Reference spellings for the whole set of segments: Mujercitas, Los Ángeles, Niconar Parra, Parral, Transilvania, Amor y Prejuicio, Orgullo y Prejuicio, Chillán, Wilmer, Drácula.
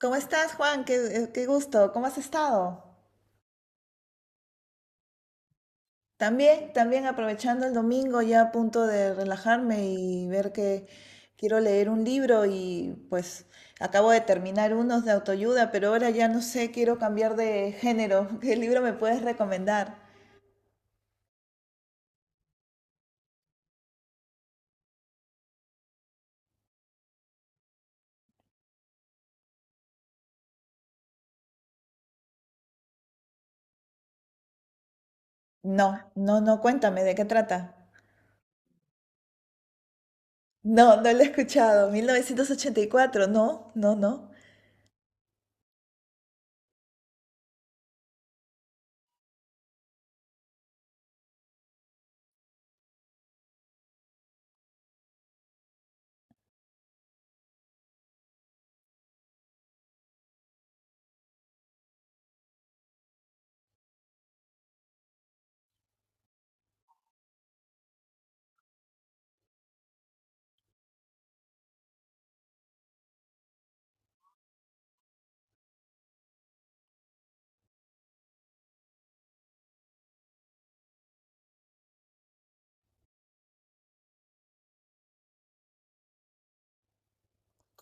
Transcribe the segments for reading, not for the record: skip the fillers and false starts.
¿Cómo estás, Juan? Qué gusto. ¿Cómo has estado? También aprovechando el domingo, ya a punto de relajarme y ver que quiero leer un libro. Y pues acabo de terminar unos de autoayuda, pero ahora ya no sé, quiero cambiar de género. ¿Qué libro me puedes recomendar? No, no, no, cuéntame, ¿de qué trata? No, no lo he escuchado. 1984. No, no, no.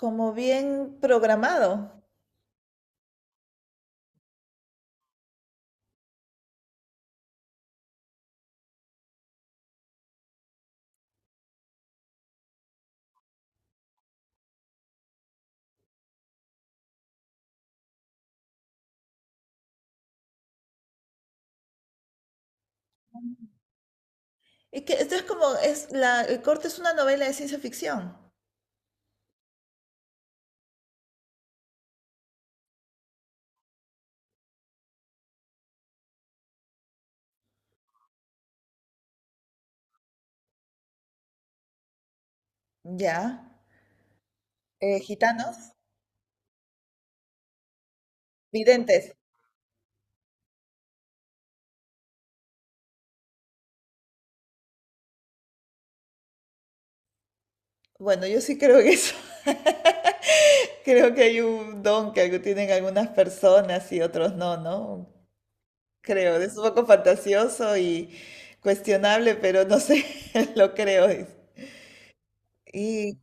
Como bien programado. Es que esto es como, el corte es una novela de ciencia ficción. Ya. Gitanos, videntes. Bueno, yo sí creo que eso. Creo que hay un don que algo tienen algunas personas y otros no, ¿no? Creo, es un poco fantasioso y cuestionable, pero no sé, lo creo. Y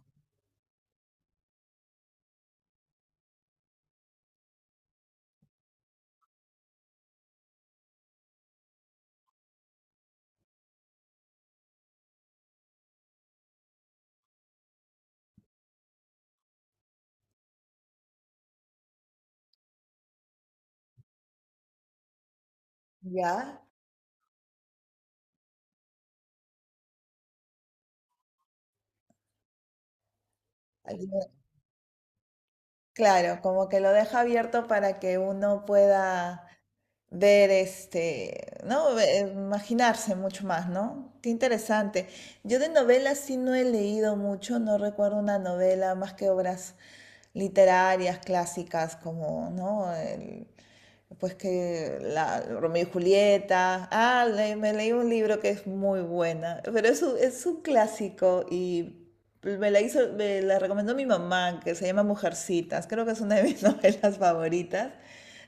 ya, alguien- claro, como que lo deja abierto para que uno pueda ver este, ¿no? Imaginarse mucho más, ¿no? Qué interesante. Yo de novelas sí no he leído mucho. No recuerdo una novela más que obras literarias clásicas, como, ¿no? Pues Romeo y Julieta. Ah, me leí un libro que es muy buena. Pero es un clásico y me la recomendó mi mamá, que se llama Mujercitas. Creo que es una de mis novelas favoritas.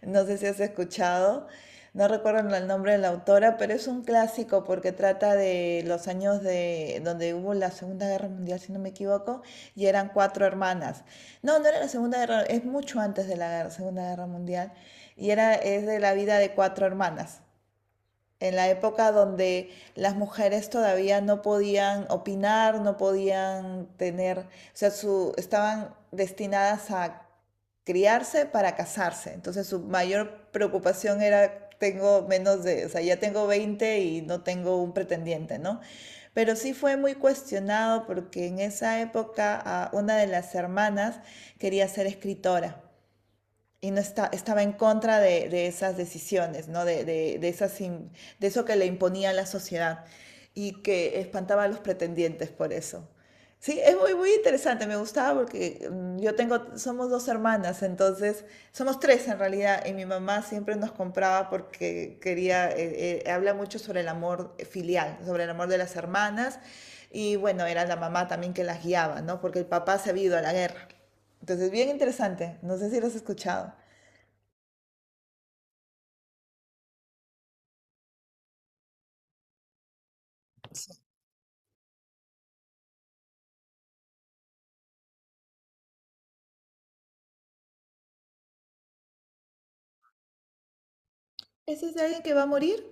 No sé si has escuchado. No recuerdo el nombre de la autora, pero es un clásico porque trata de los años de donde hubo la Segunda Guerra Mundial, si no me equivoco, y eran cuatro hermanas. No, no era la Segunda Guerra, es mucho antes de la Guerra- Segunda Guerra Mundial. Y era, es de la vida de cuatro hermanas, en la época donde las mujeres todavía no podían opinar, no podían tener, o sea, su, estaban destinadas a criarse para casarse. Entonces su mayor preocupación era, tengo menos de, o sea, ya tengo 20 y no tengo un pretendiente, ¿no? Pero sí fue muy cuestionado porque en esa época una de las hermanas quería ser escritora y no está, estaba en contra de esas decisiones, ¿no? De de eso que le imponía la sociedad y que espantaba a los pretendientes por eso. Sí, es muy, muy interesante, me gustaba porque yo tengo, somos dos hermanas, entonces, somos tres en realidad. Y mi mamá siempre nos compraba porque quería, habla mucho sobre el amor filial, sobre el amor de las hermanas. Y bueno, era la mamá también que las guiaba, ¿no? Porque el papá se había ido a la guerra. Entonces, bien interesante, no sé si lo has escuchado. ¿Ese es de alguien que va a morir?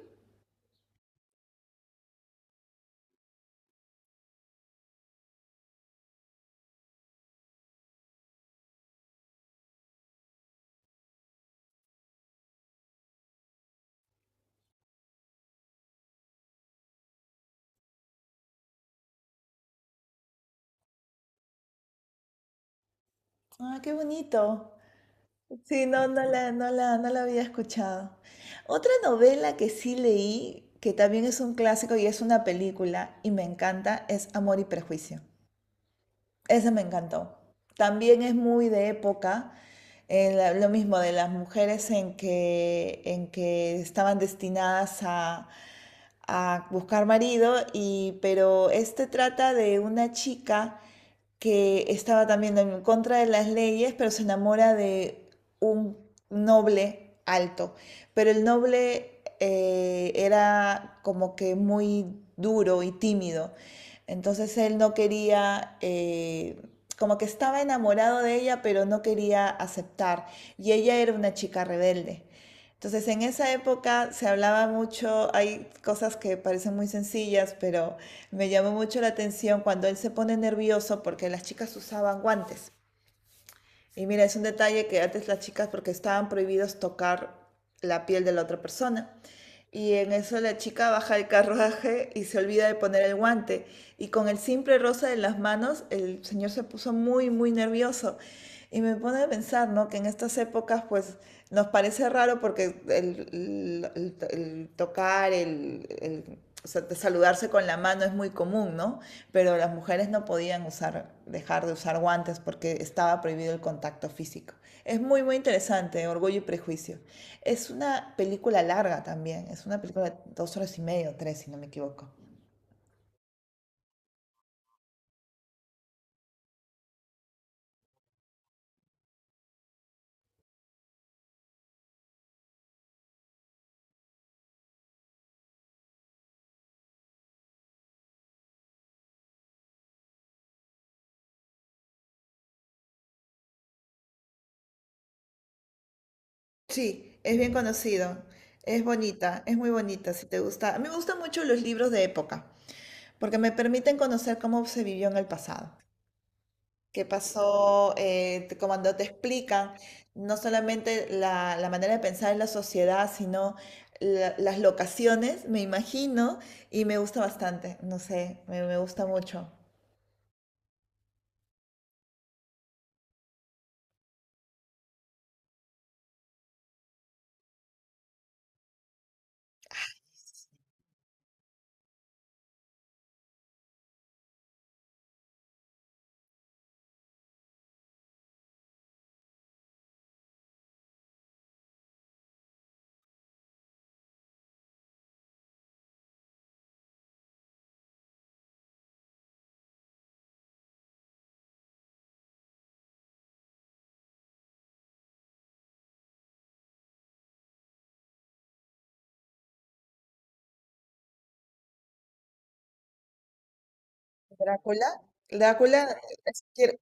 Ah, qué bonito. Sí, no, no la había escuchado. Otra novela que sí leí, que también es un clásico y es una película y me encanta, es Amor y Prejuicio. Esa me encantó. También es muy de época, lo mismo de las mujeres en que estaban destinadas a buscar marido, pero este trata de una chica que estaba también en contra de las leyes, pero se enamora de un noble alto, pero el noble era como que muy duro y tímido. Entonces él no quería, como que estaba enamorado de ella, pero no quería aceptar. Y ella era una chica rebelde. Entonces en esa época se hablaba mucho, hay cosas que parecen muy sencillas, pero me llamó mucho la atención cuando él se pone nervioso porque las chicas usaban guantes. Y mira, es un detalle que antes las chicas, porque estaban prohibidos tocar la piel de la otra persona. Y en eso la chica baja el carruaje y se olvida de poner el guante. Y con el simple rosa en las manos, el señor se puso muy, muy nervioso. Y me pone a pensar, ¿no? Que en estas épocas, pues, nos parece raro porque el tocar, el o sea, saludarse con la mano es muy común, ¿no? Pero las mujeres no podían usar, dejar de usar guantes porque estaba prohibido el contacto físico. Es muy, muy interesante, Orgullo y Prejuicio. Es una película larga también, es una película de 2 horas y media o tres, si no me equivoco. Sí, es bien conocido, es bonita, es muy bonita, si te gusta. A mí me gustan mucho los libros de época, porque me permiten conocer cómo se vivió en el pasado, qué pasó. Cuando te explican no solamente la, la manera de pensar en la sociedad, sino las locaciones, me imagino, y me gusta bastante, no sé, me gusta mucho. Drácula. Drácula, quiero,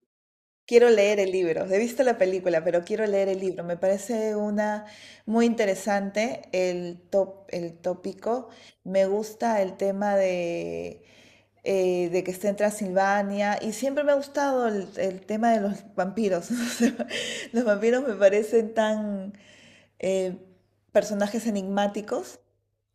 quiero leer el libro. He visto la película, pero quiero leer el libro. Me parece una muy interesante el tópico. Me gusta el tema de de que esté en Transilvania. Y siempre me ha gustado el tema de los vampiros. O sea, los vampiros me parecen tan eh, personajes enigmáticos,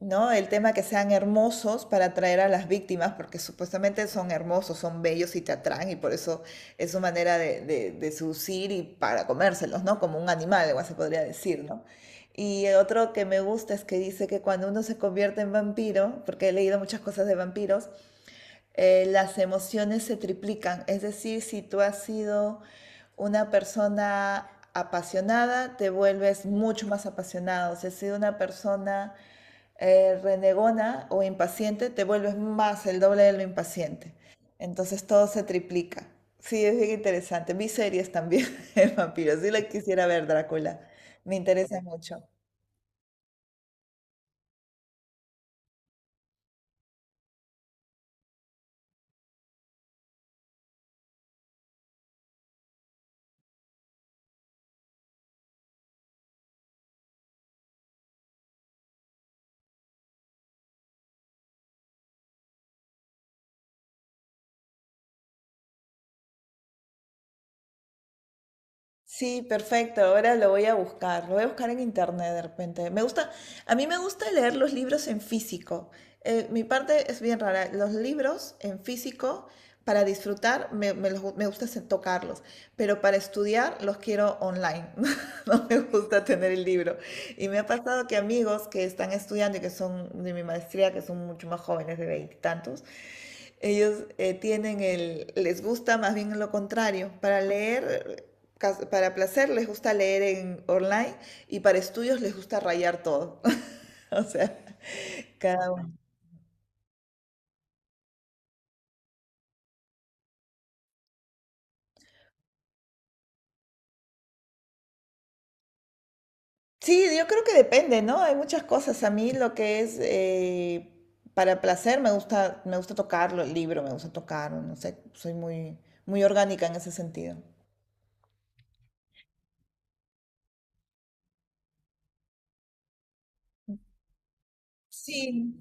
¿no? El tema que sean hermosos para atraer a las víctimas, porque supuestamente son hermosos, son bellos y te atraen, y por eso es su manera de, de seducir y para comérselos, ¿no? Como un animal, igual se podría decir, ¿no? Y otro que me gusta es que dice que cuando uno se convierte en vampiro, porque he leído muchas cosas de vampiros, las emociones se triplican. Es decir, si tú has sido una persona apasionada, te vuelves mucho más apasionado. Si has sido una persona renegona o impaciente, te vuelves más el doble de lo impaciente. Entonces todo se triplica. Sí, es bien interesante. Vi series también de vampiros. Sí la quisiera ver, Drácula. Me interesa mucho. Sí, perfecto. Ahora lo voy a buscar. Lo voy a buscar en internet de repente. Me gusta, a mí me gusta leer los libros en físico. Mi parte es bien rara. Los libros en físico, para disfrutar, me gusta tocarlos. Pero para estudiar, los quiero online. No me gusta tener el libro. Y me ha pasado que amigos que están estudiando y que son de mi maestría, que son mucho más jóvenes, de veintitantos, ellos les gusta más bien lo contrario. Para leer, para placer les gusta leer en online y para estudios les gusta rayar todo. O sea, cada uno. Sí, yo creo que depende, ¿no? Hay muchas cosas. A mí lo que es para placer me gusta, tocarlo, el libro me gusta tocar, no sé, soy muy, muy orgánica en ese sentido. Sí.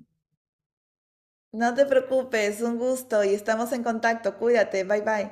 No te preocupes, un gusto y estamos en contacto. Cuídate, bye bye.